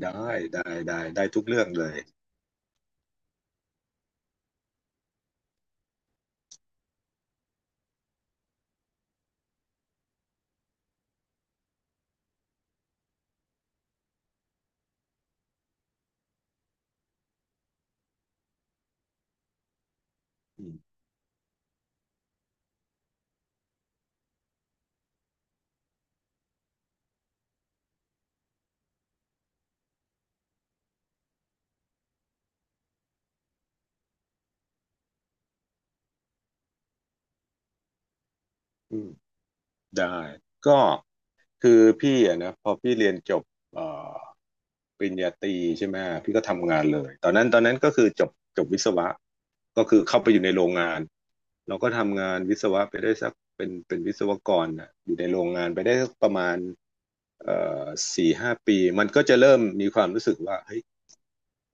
ได้ได้ได้ได้ทุกเรื่องเลยอืมอืมได้ก็คือพี่อะนะพอพี่เรียนจบเอ่อปริญญาตรีใช่ไหมพี่ก็ทำงานเลยตอนนั้นก็คือจบวิศวะก็คือเข้าไปอยู่ในโรงงานเราก็ทำงานวิศวะไปได้สักเป็นวิศวกรนะอยู่ในโรงงานไปได้สักประมาณเอ่อ4-5 ปีมันก็จะเริ่มมีความรู้สึกว่าเฮ้ย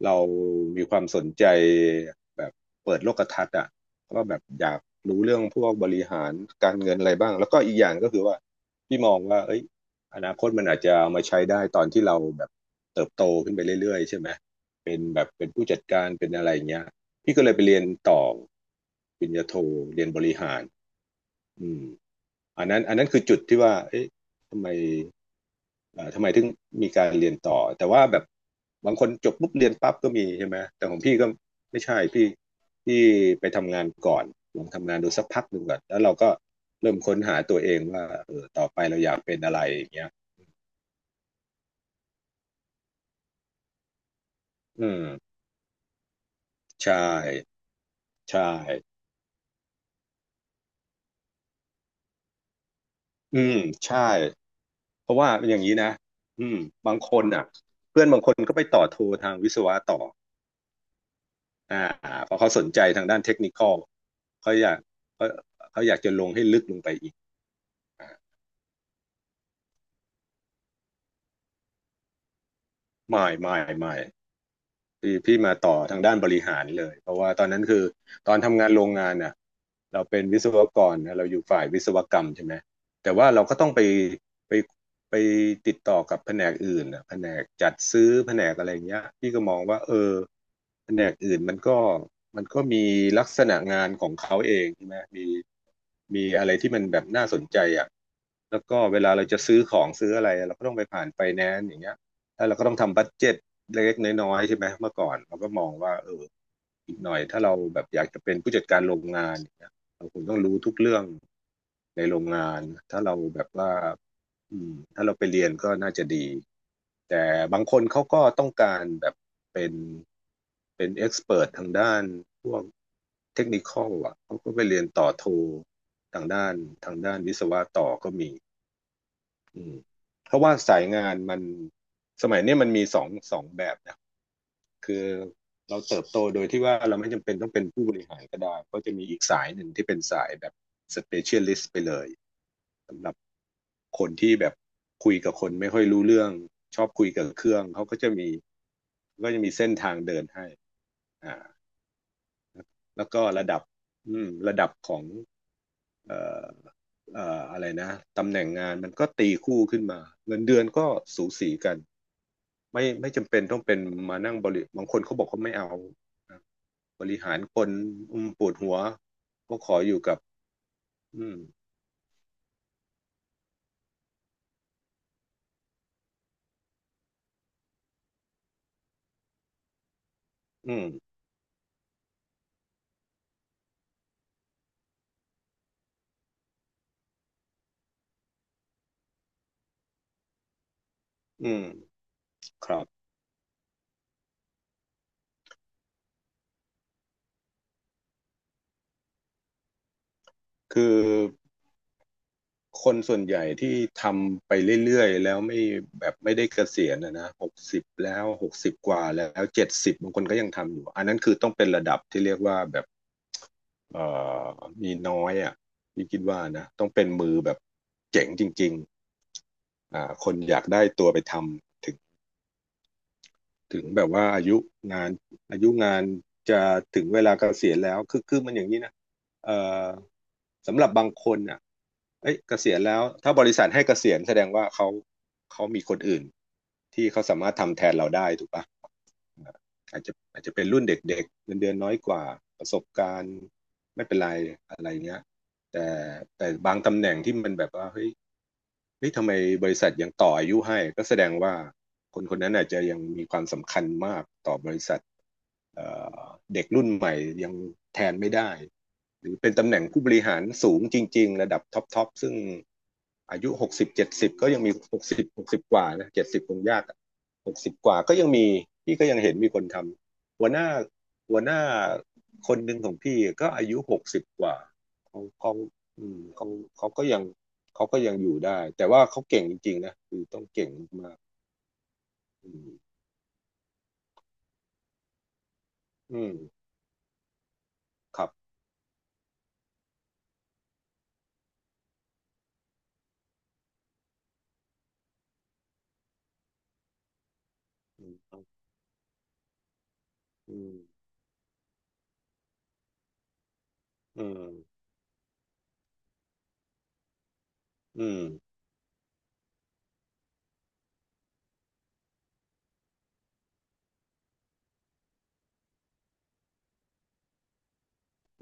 เรามีความสนใจแบบเปิดโลกทัศน์อ่ะก็แบบอยากรู้เรื่องพวกบริหารการเงินอะไรบ้างแล้วก็อีกอย่างก็คือว่าพี่มองว่าเอ้ยอนาคตมันอาจจะเอามาใช้ได้ตอนที่เราแบบเติบโตขึ้นไปเรื่อยๆใช่ไหมเป็นแบบเป็นผู้จัดการเป็นอะไรอย่างเงี้ยพี่ก็เลยไปเรียนต่อปริญญาโทเรียนบริหารอืมอันนั้นคือจุดที่ว่าเอ๊ะทำไม ทำไมถึงมีการเรียนต่อแต่ว่าแบบบางคนจบปุ๊บเรียนปั๊บก็มีใช่ไหมแต่ของพี่ก็ไม่ใช่พี่ไปทำงานก่อนลองทำงานดูสักพักหนึ่งก่อนแล้วเราก็เริ่มค้นหาตัวเองว่าเออต่อไปเราอยากเป็นอะไรอย่างเงี้ยอืมใช่ใช่อืมใช่เพราะว่าเป็นอย่างนี้นะอืมบางคนอ่ะเพื่อนบางคนก็ไปต่อโททางวิศวะต่ออ่าเพราะเขาสนใจทางด้านเทคนิคอลเขาอยากเขาเขาอยากจะลงให้ลึกลงไปอีก ไม่ไม่ไม่พี่มาต่อทางด้านบริหารเลยเพราะว่าตอนนั้นคือตอนทำงานโรงงานน่ะเราเป็นวิศวกรนะเราอยู่ฝ่ายวิศวกรรมใช่ไหมแต่ว่าเราก็ต้องไปไปไปติดต่อกับแผนกอื่นน่ะแผนกจัดซื้อแผนกอะไรอย่างเงี้ยพี่ก็มองว่าเออแผนกอื่นมันก็มีลักษณะงานของเขาเองใช่ไหมมีอะไรที่มันแบบน่าสนใจอ่ะแล้วก็เวลาเราจะซื้อของซื้ออะไรเราก็ต้องไปผ่านไฟแนนซ์อย่างเงี้ย แล้วเราก็ต้องทำบัดเจ็ตเล็กๆน้อยๆใช่ไหมเมื่อก่อนเราก็มองว่าเอออีกหน่อยถ้าเราแบบอยากจะเป็นผู้จัดการโรงงานอย่างเงี้ยเราคงต้องรู้ทุกเรื่องในโรงงานถ้าเราแบบว่าอืมถ้าเราไปเรียนก็น่าจะดีแต่บางคนเขาก็ต้องการแบบเป็นเป็นเอ็กซ์เพิร์ททางด้านพวกเทคนิคอลอ่ะเขาก็ไปเรียนต่อโททางด้านทางด้านวิศวะต่อก็มี อืมเพราะว่าสายงานมันสมัยเนี้ยมันมีสองแบบนะคือเราเติบโตโดยที่ว่าเราไม่จำเป็นต้องเป็นผู้บริหารก็ได้ก็จะมีอีกสายหนึ่งที่เป็นสายแบบสเปเชียลิสต์ไปเลยสำหรับคนที่แบบคุยกับคนไม่ค่อยรู้เรื่องชอบคุยกับเครื่องเขาก็จะมีเส้นทางเดินให้อ่าแล้วก็ระดับอืมระดับของเอ่ออะไรนะตำแหน่งงานมันก็ตีคู่ขึ้นมาเงินเดือนก็สูสีกัน ไม่จำเป็นต้องเป็นมานั่งบริบางคนเขาบอกเขาไม่เอานะบริหารคนอืมปวดหัวก็ขออยู่กับอืมอืมอืมครับคือคนส่วนใหญ่ที่ทำไปเรื่อยๆแล้วไม่แบบไม่ได้เกษียณนะหกสิบแล้วหกสิบกว่าแล้วเจ็ดสิบบางคนก็ยังทำอยู่อันนั้นคือต้องเป็นระดับที่เรียกว่าแบบเอ่อมีน้อยอ่ะพี่คิดว่านะต้องเป็นมือแบบเจ๋งจริงๆอ่าคนอยากได้ตัวไปทำถึงแบบว่างานอายุงานจะถึงเวลาเกษียณแล้วคือมันอย่างนี้นะเอ่อสำหรับบางคนอ่ะเอ้ยเกษียณแล้วถ้าบริษัทให้เกษียณแสดงว่าเขามีคนอื่นที่เขาสามารถทำแทนเราได้ถูกปะอาจจะเป็นรุ่นเด็กๆเงินเดือนน้อยกว่าประสบการณ์ไม่เป็นไรอะไรเงี้ยแต่แต่บางตำแหน่งที่มันแบบว่าเฮ้ยทำไมบริษัทยังต่ออายุให้ก็แสดงว่าคนคนนั้นอาจจะยังมีความสำคัญมากต่อบริษัทเอ่อเด็กรุ่นใหม่ยังแทนไม่ได้หรือเป็นตำแหน่งผู้บริหารสูงจริงๆระดับท็อปทอปซึ่งอายุ60-70ก็ยังมีหกสิบกว่านะเจ็ดสิบคงยากหกสิบกว่าก็ยังมีพี่ก็ยังเห็นมีคนทำหัวหน้าคนหนึ่งของพี่ก็อายุหกสิบกว่าเขาอืมเขาก็ยัง เขาก็ยังอยู่ได้แต่ว่าเขาเก่งจริงๆนะคือต้องเก่งมากๆอืมอืมครับอืมอืมอืม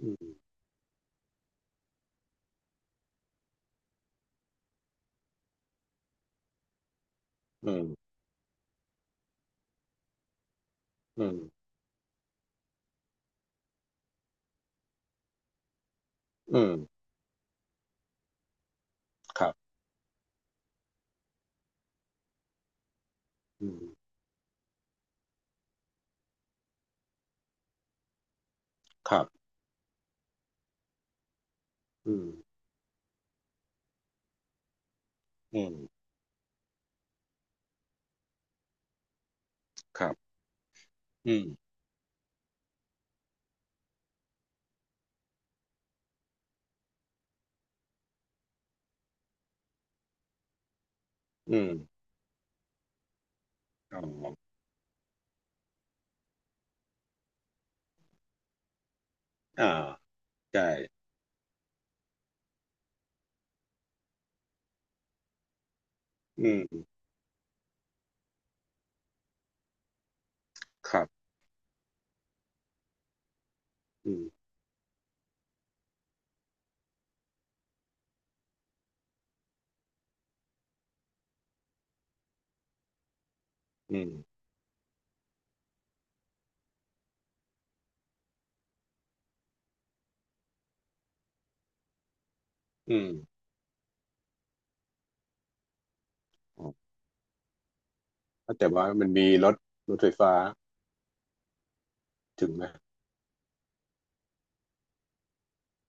อืมอืมอืมอืมอืมครับอืมครับอืมอืมครับอืมอืมอ๋ออ่าใช่อืมครับอืมอืมอืมอ๋อแต่ว่ามันมีรถไฟฟ้าถึงไหม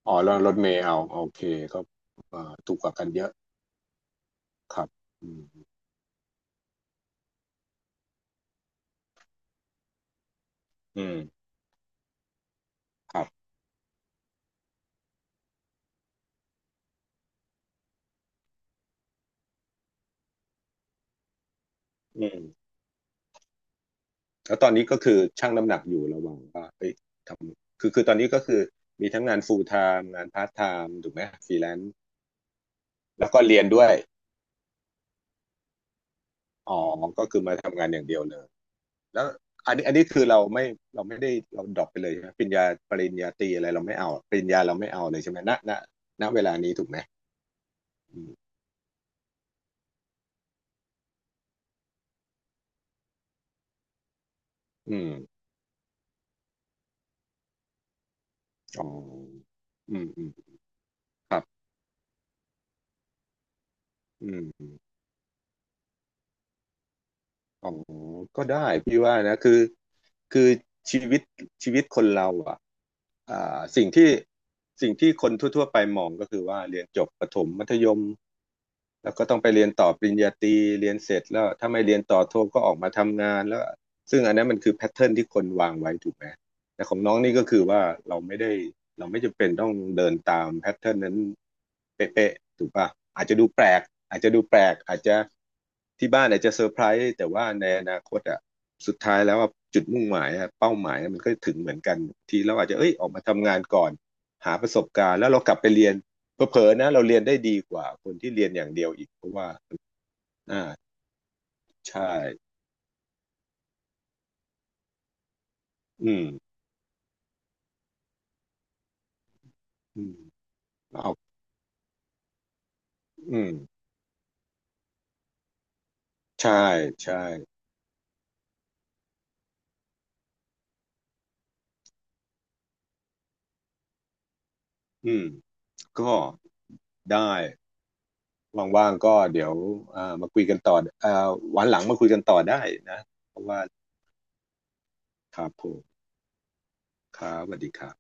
อ๋อแล้วรถเมล์เอาโอเคก็อ่าถูกกว่ากันเยอะครับอืมอืมครับอืม แล้วตอนนี้ก็คือชั่งน้ำหนักอยู่ระหว่างว่าเอ้ยทำคือตอนนี้ก็คือมีทั้งงาน full time งาน part time ถูกไหมฟรีแลนซ์แล้วก็เรียนด้วยอ๋อก็คือมาทำงานอย่างเดียวเลยแล้วอันนี้คือเราไม่ได้เราดรอปไปเลยใช่ไหมปริญญาตรีอะไรเราไม่เอาปริญญาเราไม่เอาเลยใช่ไหมณเวลานี้ถูกไหมอืมอืมอ๋ออืมอืมครับอืม อ๋อก็ได้พี่ว่านะคือชีวิตคนเราอ่ะอ่าสิ่งที่คนทั่วๆไปมองก็คือว่าเรียนจบประถมมัธยม แล้วก็ต้องไปเรียนต่อปริญญาตรีเรียนเสร็จแล้วถ้าไม่เรียนต่อโทก็ออกมาทำงานแล้วซึ่งอันนั้นมันคือแพทเทิร์นที่คนวางไว้ถูกไหมแต่ของน้องนี่ก็คือว่าเราไม่ได้เราไม่จำเป็นต้องเดินตามแพทเทิร์นนั้นเป๊ะๆถูกป่ะอาจจะดูแปลกอาจจะที่บ้านอาจจะเซอร์ไพรส์แต่ว่าในอนาคตอ่ะสุดท้ายแล้วอะจุดมุ่งหมายเป้าหมายมันก็ถึงเหมือนกันทีเราอาจจะเอ้ยออกมาทำงานก่อนหาประสบการณ์แล้วเรากลับไปเรียน เผลอๆนะเราเรียนได้ดีกว่าคนที่เรียนอย่างเดียวอีกเพราะว่าอ่าใช่อืมอืมเอาอืมใช่ใช่อืมก็ได้ว่างๆก็เดี๋ยวอ่ามาคุยกันต่ออ่าวันหลังมาคุยกันต่อได้นะเพราะว่าครับผมครับสวัสดีครับ